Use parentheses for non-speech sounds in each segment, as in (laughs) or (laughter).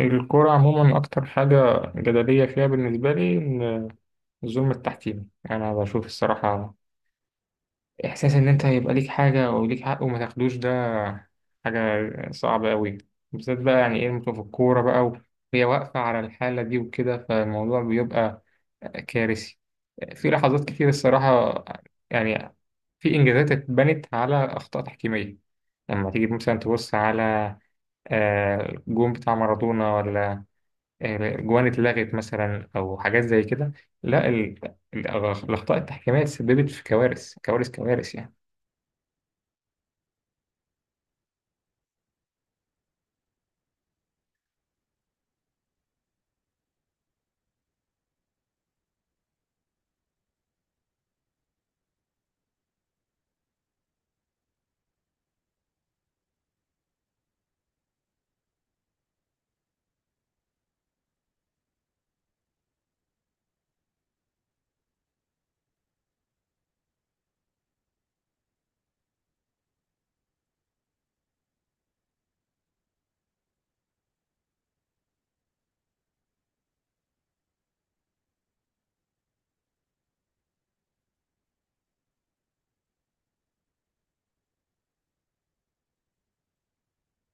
الكورة عموما أكتر حاجة جدلية فيها بالنسبة لي إن الظلم التحكيمي، أنا بشوف الصراحة إحساس إن أنت يبقى ليك حاجة أو ليك حق وما تاخدوش، ده حاجة صعبة أوي بالذات بقى، يعني إيه ممكن في الكورة بقى وهي واقفة على الحالة دي وكده، فالموضوع بيبقى كارثي في لحظات كتير الصراحة. يعني في إنجازات اتبنت على أخطاء تحكيمية، لما تيجي مثلا تبص على الجون بتاع مارادونا ولا جوان اتلغت مثلا او حاجات زي كده. لا، الاخطاء التحكيميه سببت في كوارث كوارث كوارث يعني.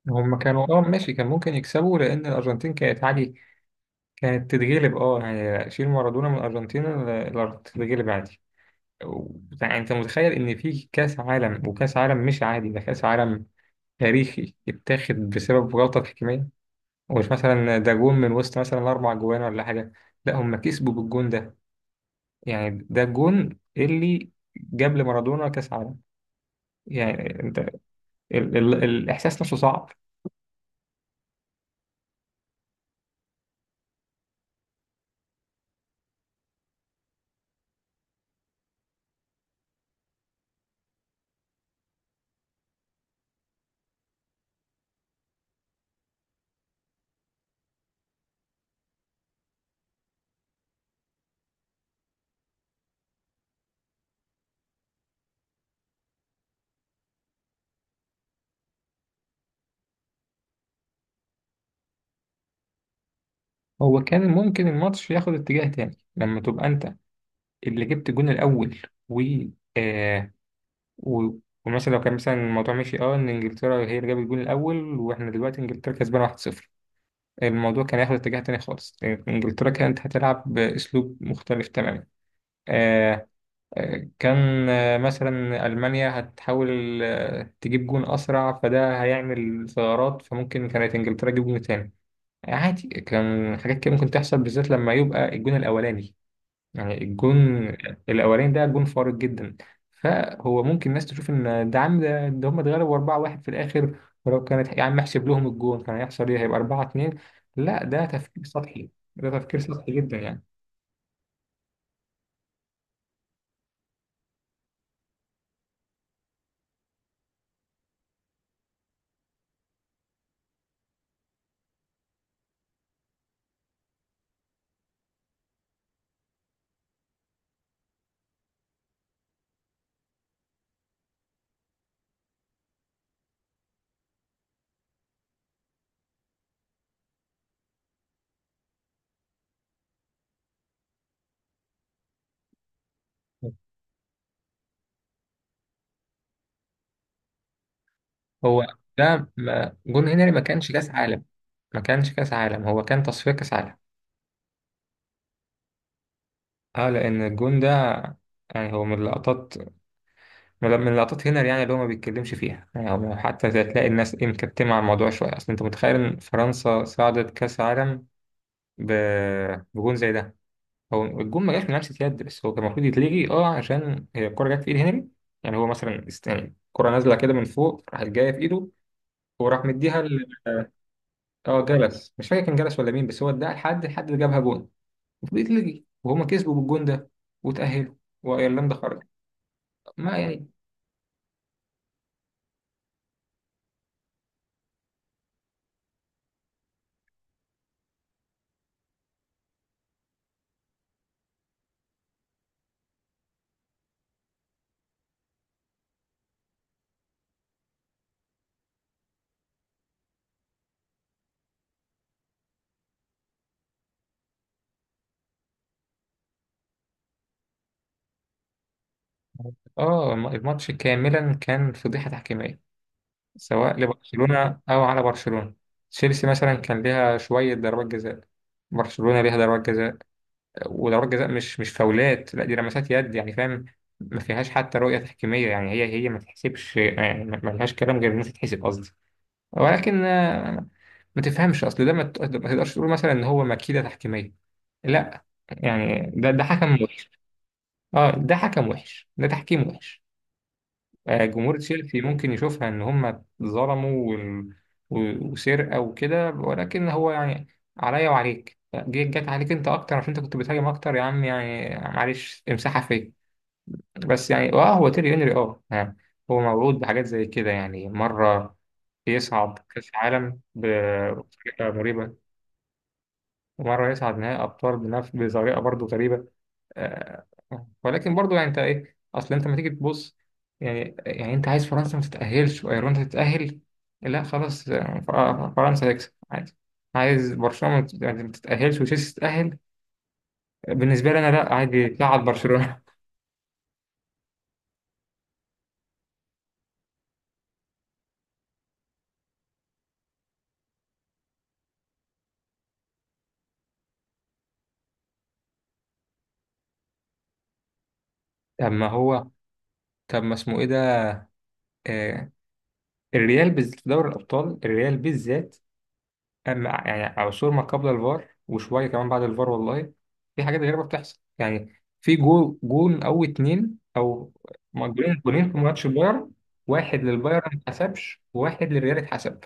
هم كانوا، ماشي كان ممكن يكسبوا لان الارجنتين كانت عادي كانت تتغلب. اه يعني شيل مارادونا من الارجنتين، الارجنتين تتغلب عادي. و- يعني انت متخيل ان في كاس عالم، وكاس عالم مش عادي، ده كاس عالم تاريخي اتاخد بسبب غلطه تحكيميه. ومش مثلا ده جون من وسط مثلا اربع جوان ولا حاجه، لا هم كسبوا بالجون ده. يعني ده الجون اللي جاب لمارادونا كاس عالم. يعني انت ال ال الاحساس نفسه صعب. هو كان ممكن الماتش ياخد اتجاه تاني لما تبقى انت اللي جبت الجون الاول. و آه و ومثلا لو كان مثلا الموضوع ماشي، ان انجلترا هي اللي جابت الجون الاول واحنا دلوقتي انجلترا كسبانه 1-0، الموضوع كان هياخد اتجاه تاني خالص. انجلترا كانت هتلعب باسلوب مختلف تماما. آه كان مثلا ألمانيا هتحاول تجيب جون أسرع فده هيعمل ثغرات، فممكن كانت إنجلترا تجيب جون تاني عادي. كان حاجات كده ممكن تحصل بالذات لما يبقى الجون الأولاني. يعني الجون الأولاني ده جون فارق جدا. فهو ممكن الناس تشوف إن ده هم اتغلبوا 4-1 في الآخر، ولو كانت يا عم احسب لهم الجون كان هيحصل إيه، هيبقى 4-2. لا، ده تفكير سطحي، ده تفكير سطحي جدا يعني. هو ده جون هنري ما كانش كاس عالم، ما كانش كاس عالم، هو كان تصفية كاس عالم. اه لان الجون ده يعني هو من اللقطات، من اللقطات هنا يعني، اللي هو ما بيتكلمش فيها يعني. هو حتى هتلاقي الناس ايه مكتمة على الموضوع شوية. اصل انت متخيل ان فرنسا صعدت كاس عالم ب... بجون زي ده؟ هو الجون ما جاش من لمسة يد، بس هو كان المفروض يتلغي اه، عشان هي الكرة جت في ايد هنري. يعني هو مثلا يعني الكرة نازلة كده من فوق، راحت جاية في ايده وراح مديها اه جلس، مش فاكر كان جلس ولا مين، بس هو اداها لحد الحد اللي جابها جون. المفروض يتلغي، وهما كسبوا بالجون ده وتأهلوا وايرلندا خرجت. ما يعني، الماتش كاملا كان فضيحة تحكيمية، سواء لبرشلونة او على برشلونة. تشيلسي مثلا كان ليها شوية ضربات جزاء، برشلونة ليها ضربات جزاء. وضربات جزاء مش فاولات، لا دي لمسات يد يعني، فاهم. ما فيهاش حتى رؤية تحكيمية يعني، هي هي ما تحسبش يعني، ما لهاش كلام غير انها تتحسب، قصدي. ولكن ما تفهمش، اصل ده ما تقدرش تقول مثلا ان هو مكيدة تحكيمية، لا. يعني ده حكم وحش. اه ده حكم وحش، ده تحكيم وحش. جمهور تشيلسي ممكن يشوفها ان هم ظلموا وسرقه وكده، ولكن هو يعني عليا وعليك، جت عليك انت اكتر عشان انت كنت بتهاجم اكتر، يا عم يعني معلش امسحها فيا. بس يعني اه، هو تيري هنري هو موعود بحاجات زي كده، يعني مره يصعد كاس عالم بطريقه مريبه، ومره يصعد نهائي ابطال بنفس بطريقه برضه غريبه. آه، ولكن برضو، يعني انت ايه، اصل انت لما تيجي تبص، يعني انت عايز فرنسا ما تتأهلش وايرلندا تتأهل؟ لا خلاص، فرنسا تكسب عادي. عايز برشلونة ما تت- يعني ما تتأهلش وتشيلسي تتأهل؟ بالنسبة لي انا لا، عادي تلعب برشلونة. (laughs) طب ما هو، طب ما اسمه ايه ده، آه الريال في دوري الابطال الريال بالذات، أما يعني عصور ما قبل الفار وشوية كمان بعد الفار، والله في حاجات غريبة بتحصل يعني. في جول جون أو اتنين أو ما جولين، في ماتش البايرن، واحد للبايرن ما اتحسبش وواحد للريال اتحسب.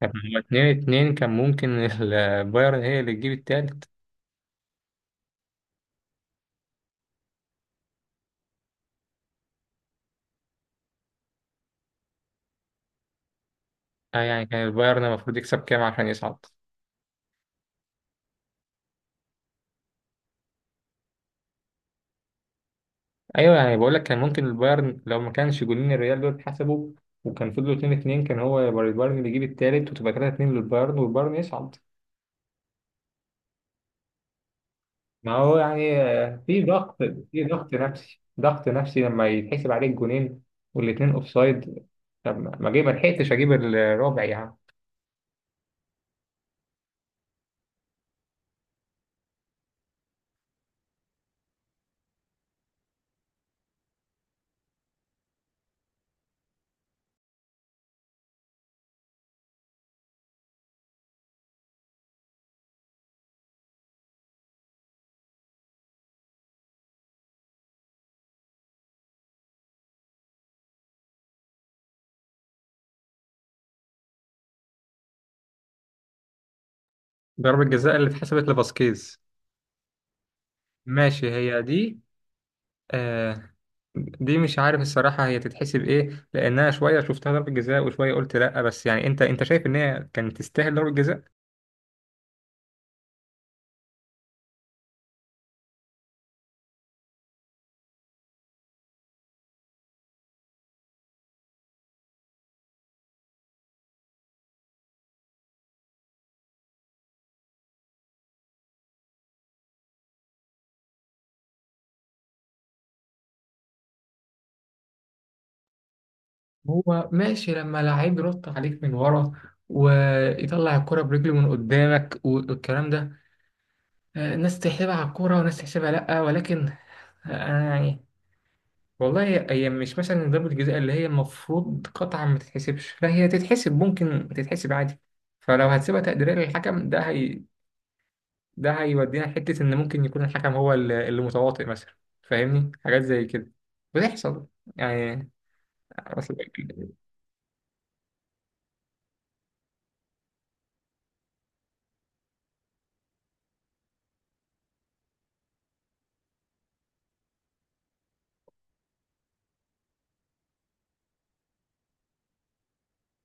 طب هما اتنين اتنين، كان ممكن (laughs) البايرن هي اللي تجيب التالت. آه يعني كان البايرن المفروض يكسب كام عشان يصعد؟ أيوة يعني بقول لك، كان ممكن البايرن لو ما كانش جولين الريال دول اتحسبوا، وكان فضلوا اتنين اتنين، كان هو البايرن اللي يجيب التالت، وتبقى تلاتة اتنين للبايرن والبايرن يصعد. ما هو يعني في ضغط، في ضغط نفسي، ضغط نفسي لما يتحسب عليك جونين والاتنين اوفسايد. طب ما لحقتش اجيب الرابع يعني. ضربة جزاء اللي اتحسبت لفاسكيز؟ ماشي هي دي. آه، دي مش عارف الصراحة هي تتحسب ايه، لأنها شوية شفتها ضربة جزاء وشوية قلت لأ، بس يعني انت، شايف ان هي كانت تستاهل ضربة جزاء؟ هو ماشي لما لعيب يرد عليك من ورا ويطلع الكرة برجله من قدامك والكلام ده، ناس تحسبها على الكورة وناس تحسبها لأ، ولكن أنا يعني والله، هي مش مثلا ضربة جزاء اللي هي المفروض قطعا ما تتحسبش، لا هي تتحسب، ممكن تتحسب عادي. فلو هتسيبها تقديرية للحكم، ده ده هيودينا لحتة إن ممكن يكون الحكم هو اللي متواطئ مثلا، فاهمني؟ حاجات زي كده بتحصل يعني. أصل-